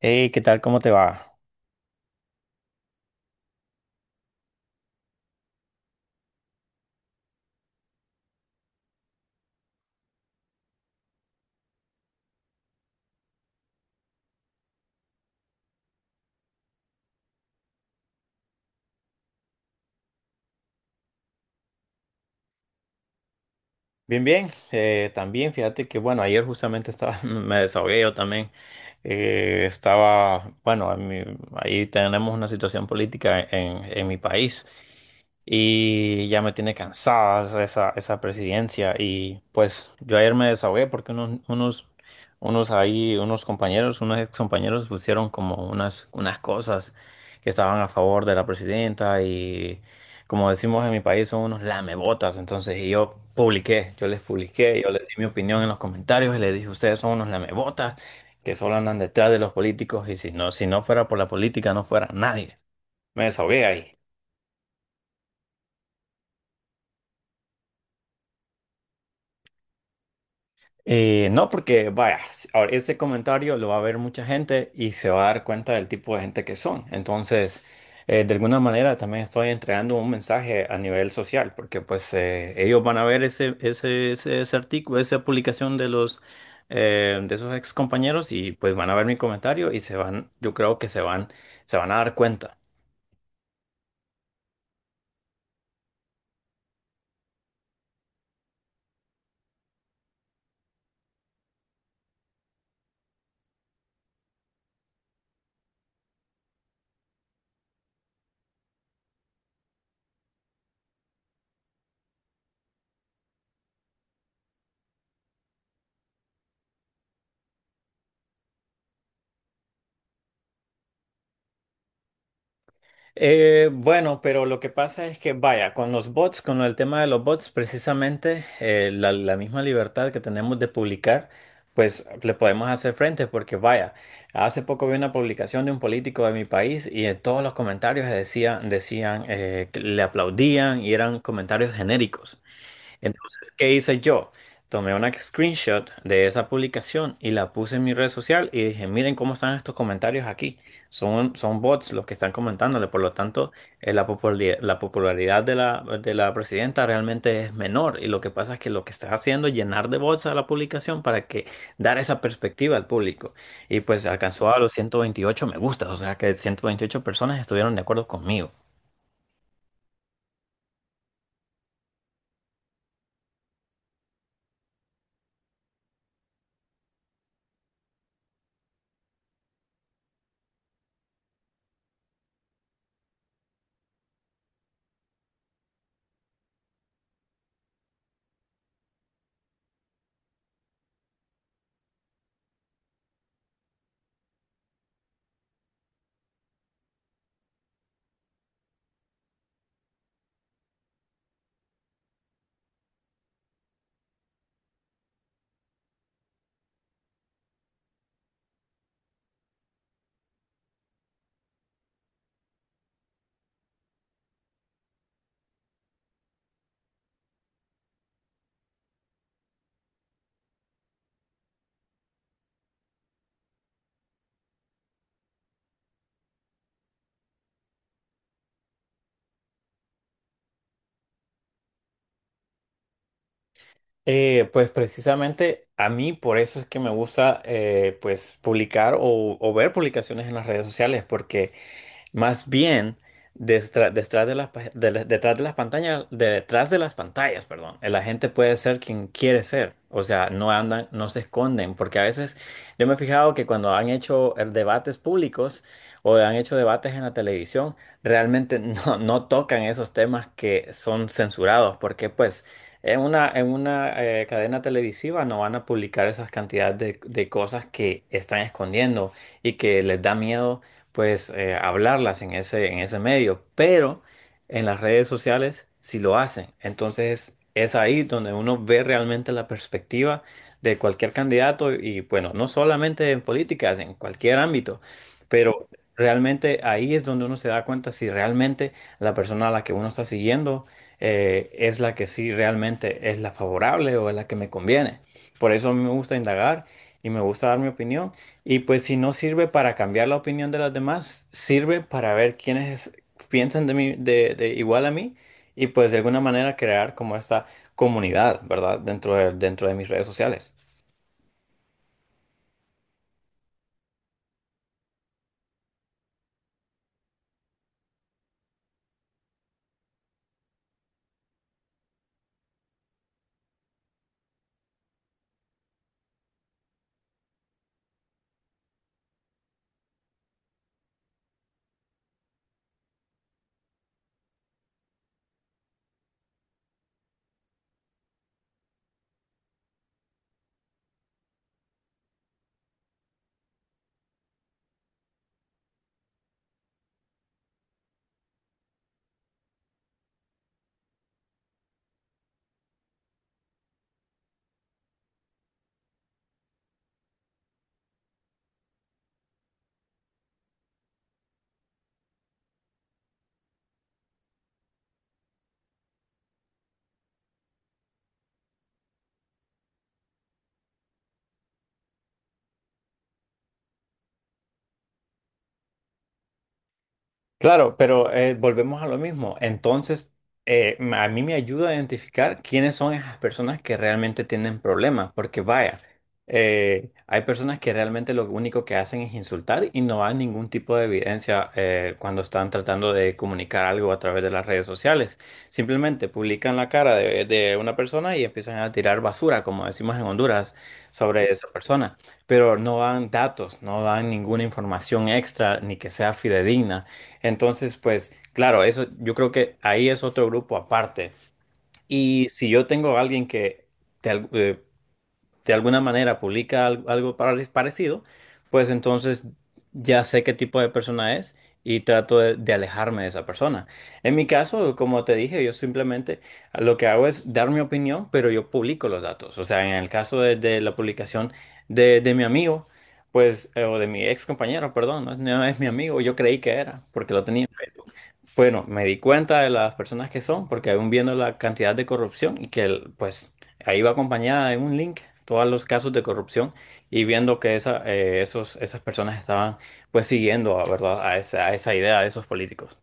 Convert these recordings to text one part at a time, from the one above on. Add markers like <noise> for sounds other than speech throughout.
Hey, ¿qué tal? ¿Cómo te va? Bien, bien. También, fíjate que, bueno, ayer justamente <laughs> me desahogué yo también. Estaba, bueno, a mí- Ahí tenemos una situación política en mi país. Y ya me tiene cansada esa presidencia. Y pues yo ayer me desahogué porque unos ex compañeros pusieron como unas cosas que estaban a favor de la presidenta y como decimos en mi país son unos lamebotas. Entonces yo publiqué, yo les di mi opinión en los comentarios y les dije, ustedes son unos lamebotas que solo andan detrás de los políticos y si no, si no fuera por la política no fuera nadie. Me desahogué ahí. No, porque vaya, ahora ese comentario lo va a ver mucha gente y se va a dar cuenta del tipo de gente que son. Entonces, de alguna manera también estoy entregando un mensaje a nivel social, porque pues ellos van a ver ese artículo, esa publicación de los de esos ex compañeros y pues van a ver mi comentario y se yo creo que se se van a dar cuenta. Bueno, pero lo que pasa es que, vaya, con los bots, con el tema de los bots, precisamente la misma libertad que tenemos de publicar, pues le podemos hacer frente, porque vaya, hace poco vi una publicación de un político de mi país y en todos los comentarios decían que le aplaudían y eran comentarios genéricos. Entonces, ¿qué hice yo? Tomé una screenshot de esa publicación y la puse en mi red social y dije, miren cómo están estos comentarios aquí. Son bots los que están comentándole, por lo tanto, la popularidad de de la presidenta realmente es menor y lo que pasa es que lo que estás haciendo es llenar de bots a la publicación para que dar esa perspectiva al público. Y pues alcanzó a los 128 me gustas, o sea que 128 personas estuvieron de acuerdo conmigo. Pues precisamente a mí por eso es que me gusta pues publicar o ver publicaciones en las redes sociales porque más bien, detrás de las pantallas, detrás de las pantallas, perdón, la gente puede ser quien quiere ser. O sea, no andan, no se esconden, porque a veces yo me he fijado que cuando han hecho debates públicos o han hecho debates en la televisión, realmente <laughs> no tocan esos temas que son censurados, porque pues en en una cadena televisiva no van a publicar esas cantidades de cosas que están escondiendo y que les da miedo pues hablarlas en en ese medio, pero en las redes sociales sí lo hacen. Entonces es ahí donde uno ve realmente la perspectiva de cualquier candidato y bueno, no solamente en políticas, en cualquier ámbito, pero realmente ahí es donde uno se da cuenta si realmente la persona a la que uno está siguiendo es la que sí realmente es la favorable o es la que me conviene. Por eso a mí me gusta indagar y me gusta dar mi opinión. Y pues si no sirve para cambiar la opinión de los demás, sirve para ver quiénes piensan de mí, de igual a mí y pues de alguna manera crear como esta comunidad, ¿verdad? Dentro dentro de mis redes sociales. Claro, pero volvemos a lo mismo. Entonces, a mí me ayuda a identificar quiénes son esas personas que realmente tienen problemas, porque vaya, hay personas que realmente lo único que hacen es insultar y no hay ningún tipo de evidencia cuando están tratando de comunicar algo a través de las redes sociales. Simplemente publican la cara de una persona y empiezan a tirar basura, como decimos en Honduras, sobre esa persona, pero no dan datos, no dan ninguna información extra ni que sea fidedigna. Entonces, pues, claro, eso yo creo que ahí es otro grupo aparte. Y si yo tengo a alguien que de, al- eh, de alguna manera algo, parecido, pues entonces ya sé qué tipo de persona es y trato de alejarme de esa persona. En mi caso, como te dije, yo simplemente lo que hago es dar mi opinión, pero yo publico los datos. O sea, en el caso de la publicación de mi amigo, pues, o de mi ex compañero, perdón, no es mi amigo, yo creí que era, porque lo tenía en Facebook. Bueno, me di cuenta de las personas que son, porque aún viendo la cantidad de corrupción y que pues ahí va acompañada de un link todos los casos de corrupción y viendo que esas personas estaban pues siguiendo, ¿verdad? A a esa idea de esos políticos.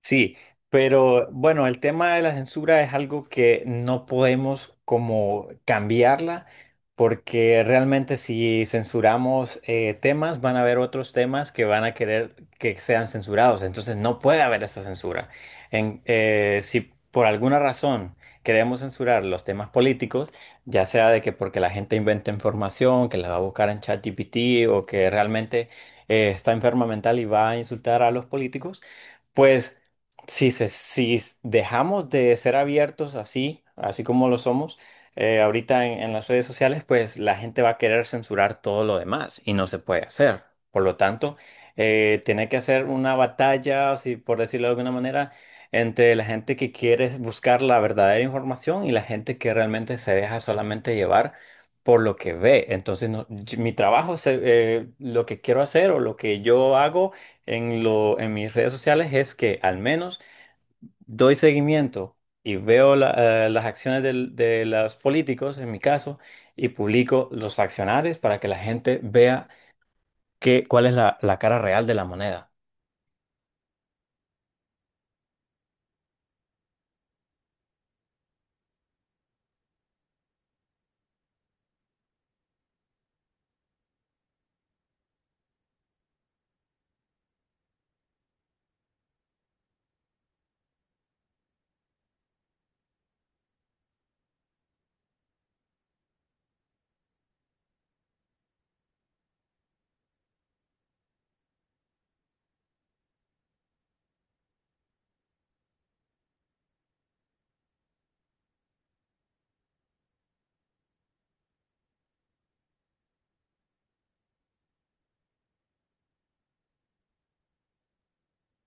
Sí, pero bueno, el tema de la censura es algo que no podemos como cambiarla, porque realmente si censuramos temas, van a haber otros temas que van a querer que sean censurados. Entonces no puede haber esa censura. Si por alguna razón queremos censurar los temas políticos, ya sea de que porque la gente inventa información, que la va a buscar en ChatGPT o que realmente está enferma mental y va a insultar a los políticos, pues si, se- si s- dejamos de ser abiertos así, así como lo somos, ahorita en las redes sociales, pues la gente va a querer censurar todo lo demás y no se puede hacer. Por lo tanto, tiene que hacer una batalla, si, por decirlo de alguna manera, entre la gente que quiere buscar la verdadera información y la gente que realmente se deja solamente llevar por lo que ve. Entonces, mi trabajo, lo que quiero hacer o lo que yo hago en en mis redes sociales es que al menos doy seguimiento y veo las acciones de los políticos, en mi caso, y publico los accionarios para que la gente vea cuál es la cara real de la moneda.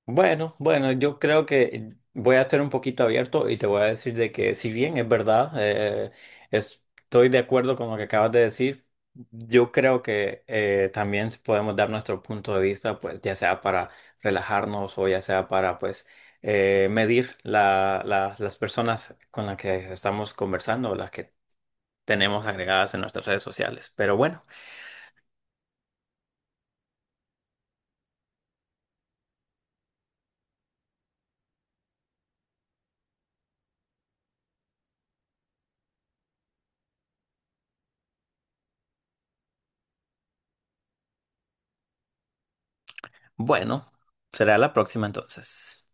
Bueno, bueno, yo creo que voy a estar un poquito abierto y te voy a decir de que si bien es verdad, estoy de acuerdo con lo que acabas de decir, yo creo que también podemos dar nuestro punto de vista, pues ya sea para relajarnos o ya sea para pues las personas con las que estamos conversando o las que tenemos agregadas en nuestras redes sociales. Pero bueno, bueno, será la próxima entonces.